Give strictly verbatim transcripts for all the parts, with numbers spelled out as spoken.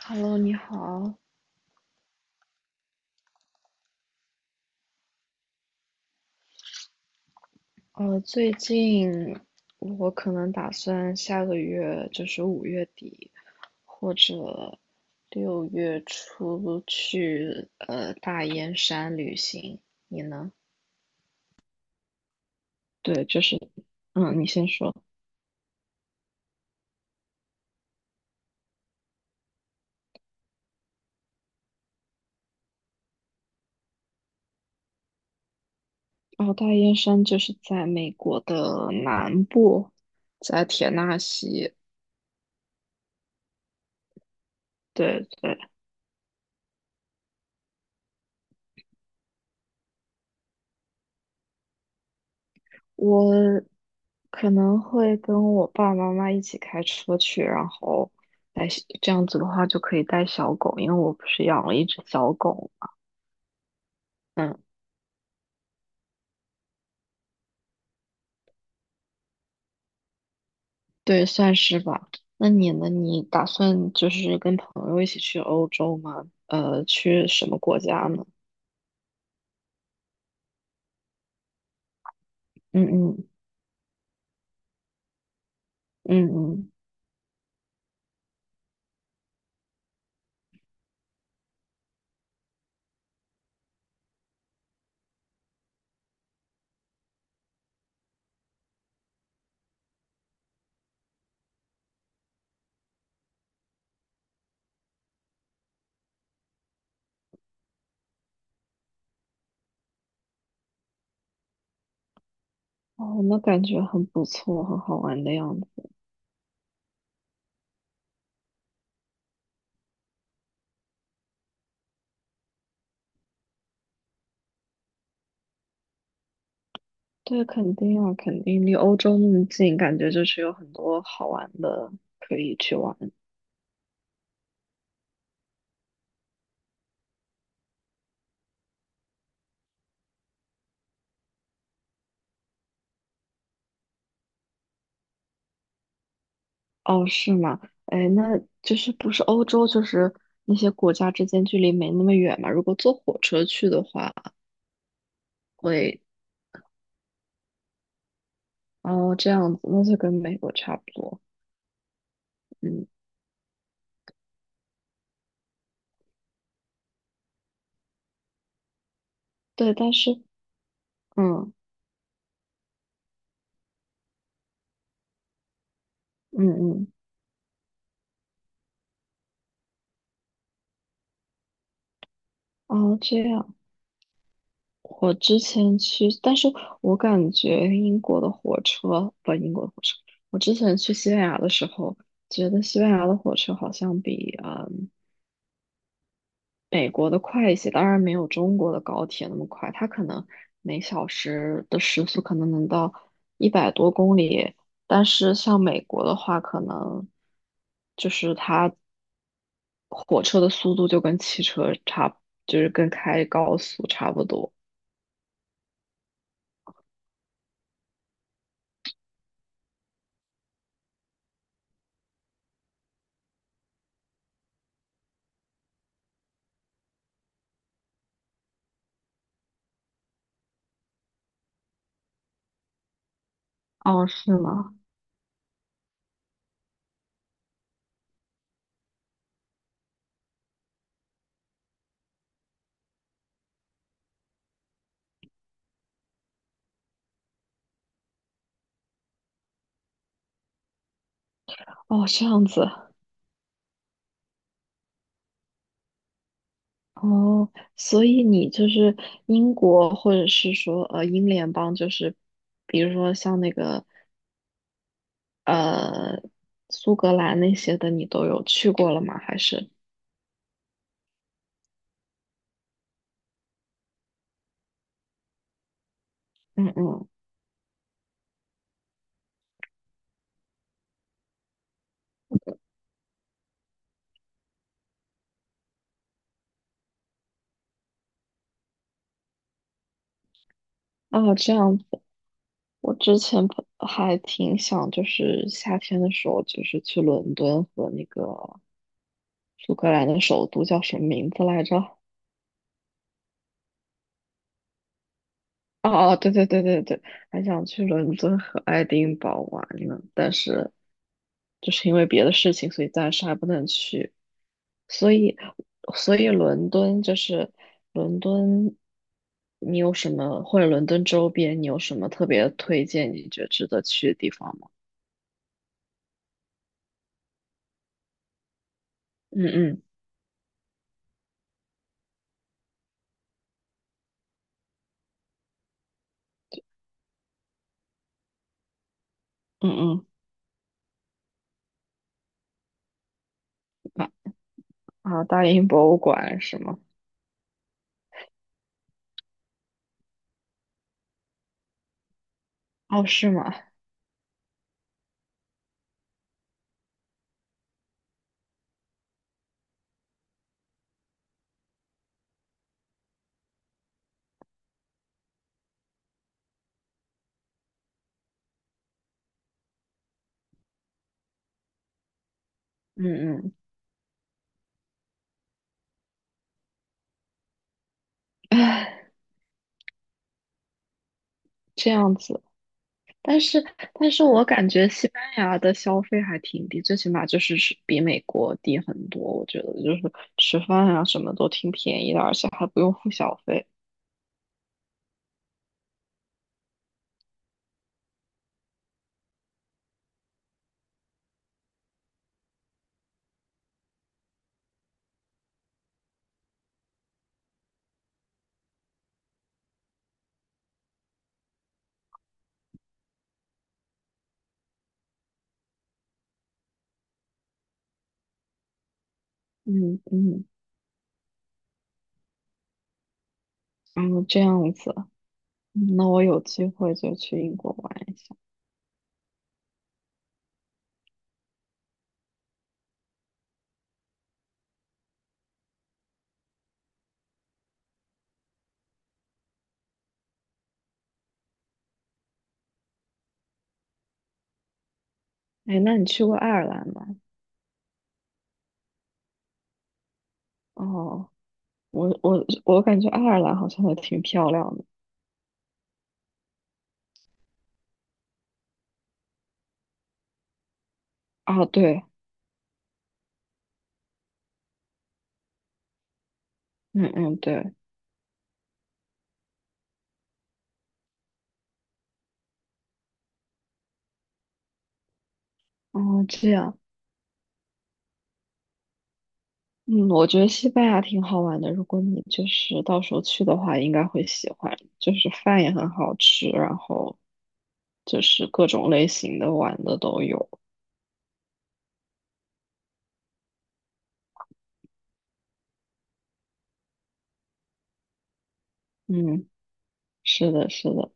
Hello，你好。呃，最近我可能打算下个月，就是五月底或者六月初去呃大燕山旅行。对，就是，嗯，你先说。哦，大燕山就是在美国的南部，在田纳西。对对，我可能会跟我爸爸妈妈一起开车去，然后带小，这样子的话就可以带小狗，因为我不是养了一只小狗。嗯，对，算是吧。那你呢？你打算就是跟朋友一起去欧洲吗？呃，去什么国家呢？嗯嗯嗯嗯。哦，那感觉很不错，很好玩的样子。对，肯定啊，肯定离欧洲那么近，感觉就是有很多好玩的可以去玩。哦，是吗？哎，那就是不是欧洲，就是那些国家之间距离没那么远嘛？如果坐火车去的话，会哦这样子，那就跟美国差不多。嗯，对，但是嗯嗯嗯，哦这样。我之前去，但是我感觉英国的火车不，英国的火车，我之前去西班牙的时候，觉得西班牙的火车好像比嗯美国的快一些，当然没有中国的高铁那么快，它可能每小时的时速可能能到一百多公里，但是像美国的话，可能就是它火车的速度就跟汽车差，就是跟开高速差不多。哦，是吗？哦，这样子。哦，所以你就是英国，或者是说呃英联邦，就是比如说像那个呃苏格兰那些的，你都有去过了吗？还是嗯嗯哦这样子，我之前不还挺想就是夏天的时候就是去伦敦和那个苏格兰的首都叫什么名字来着？哦哦，对对对对对，还想去伦敦和爱丁堡玩呢，但是就是因为别的事情，所以暂时还不能去。所以，所以伦敦就是伦敦，你有什么或者伦敦周边你有什么特别推荐？你觉得值得去的地方吗？嗯嗯嗯嗯啊啊，大英博物馆是吗？哦，是吗？嗯嗯，唉，这样子。但是，但是我感觉西班牙的消费还挺低，最起码就是是比美国低很多。我觉得就是吃饭啊什么都挺便宜的，而且还不用付小费。嗯嗯，嗯，这样子，嗯，那我有机会就去英国玩一下。哎，那你去过爱尔兰吗？哦，我我我感觉爱尔兰好像还挺漂亮的。啊，对，嗯嗯对，哦这样。嗯，我觉得西班牙挺好玩的。如果你就是到时候去的话，应该会喜欢。就是饭也很好吃，然后就是各种类型的玩的都有。嗯，是的，是的。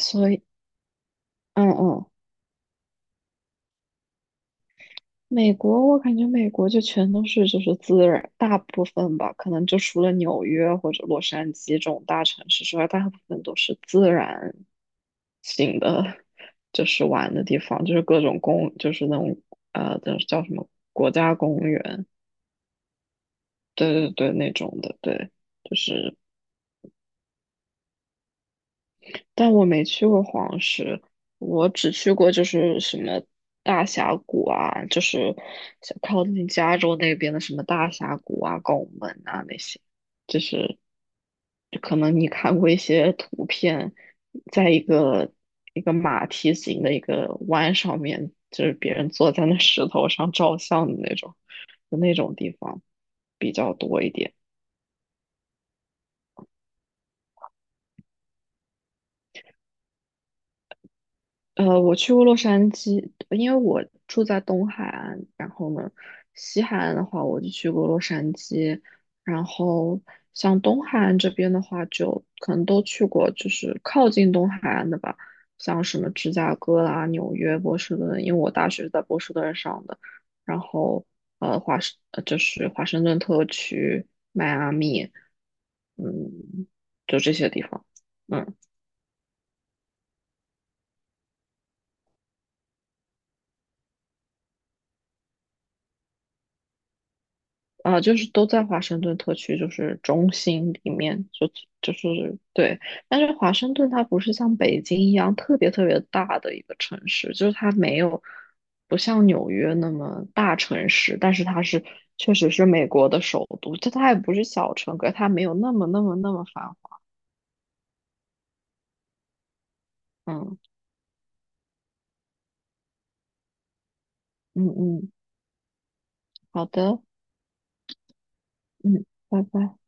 所以，嗯嗯。美国，我感觉美国就全都是就是自然，大部分吧，可能就除了纽约或者洛杉矶这种大城市之外，大部分都是自然型的，就是玩的地方，就是各种公，就是那种呃，叫叫什么国家公园，对对对，那种的，对，就是但我没去过黄石，我只去过就是什么大峡谷啊，就是像靠近加州那边的什么大峡谷啊、拱门啊那些，就是可能你看过一些图片，在一个一个马蹄形的一个弯上面，就是别人坐在那石头上照相的那种，就那种地方比较多一点。呃，我去过洛杉矶，因为我住在东海岸，然后呢，西海岸的话我就去过洛杉矶，然后像东海岸这边的话，就可能都去过，就是靠近东海岸的吧，像什么芝加哥啦、纽约、波士顿，因为我大学是在波士顿上的，然后呃，华盛，呃就是华盛顿特区、迈阿密，嗯，就这些地方。嗯。啊、就是都在华盛顿特区，就是中心里面，就就是对。但是华盛顿它不是像北京一样特别特别大的一个城市，就是它没有不像纽约那么大城市，但是它是确实是美国的首都，就它也不是小城，可是它没有那么那么那么繁华。嗯嗯嗯，好的，嗯，拜拜。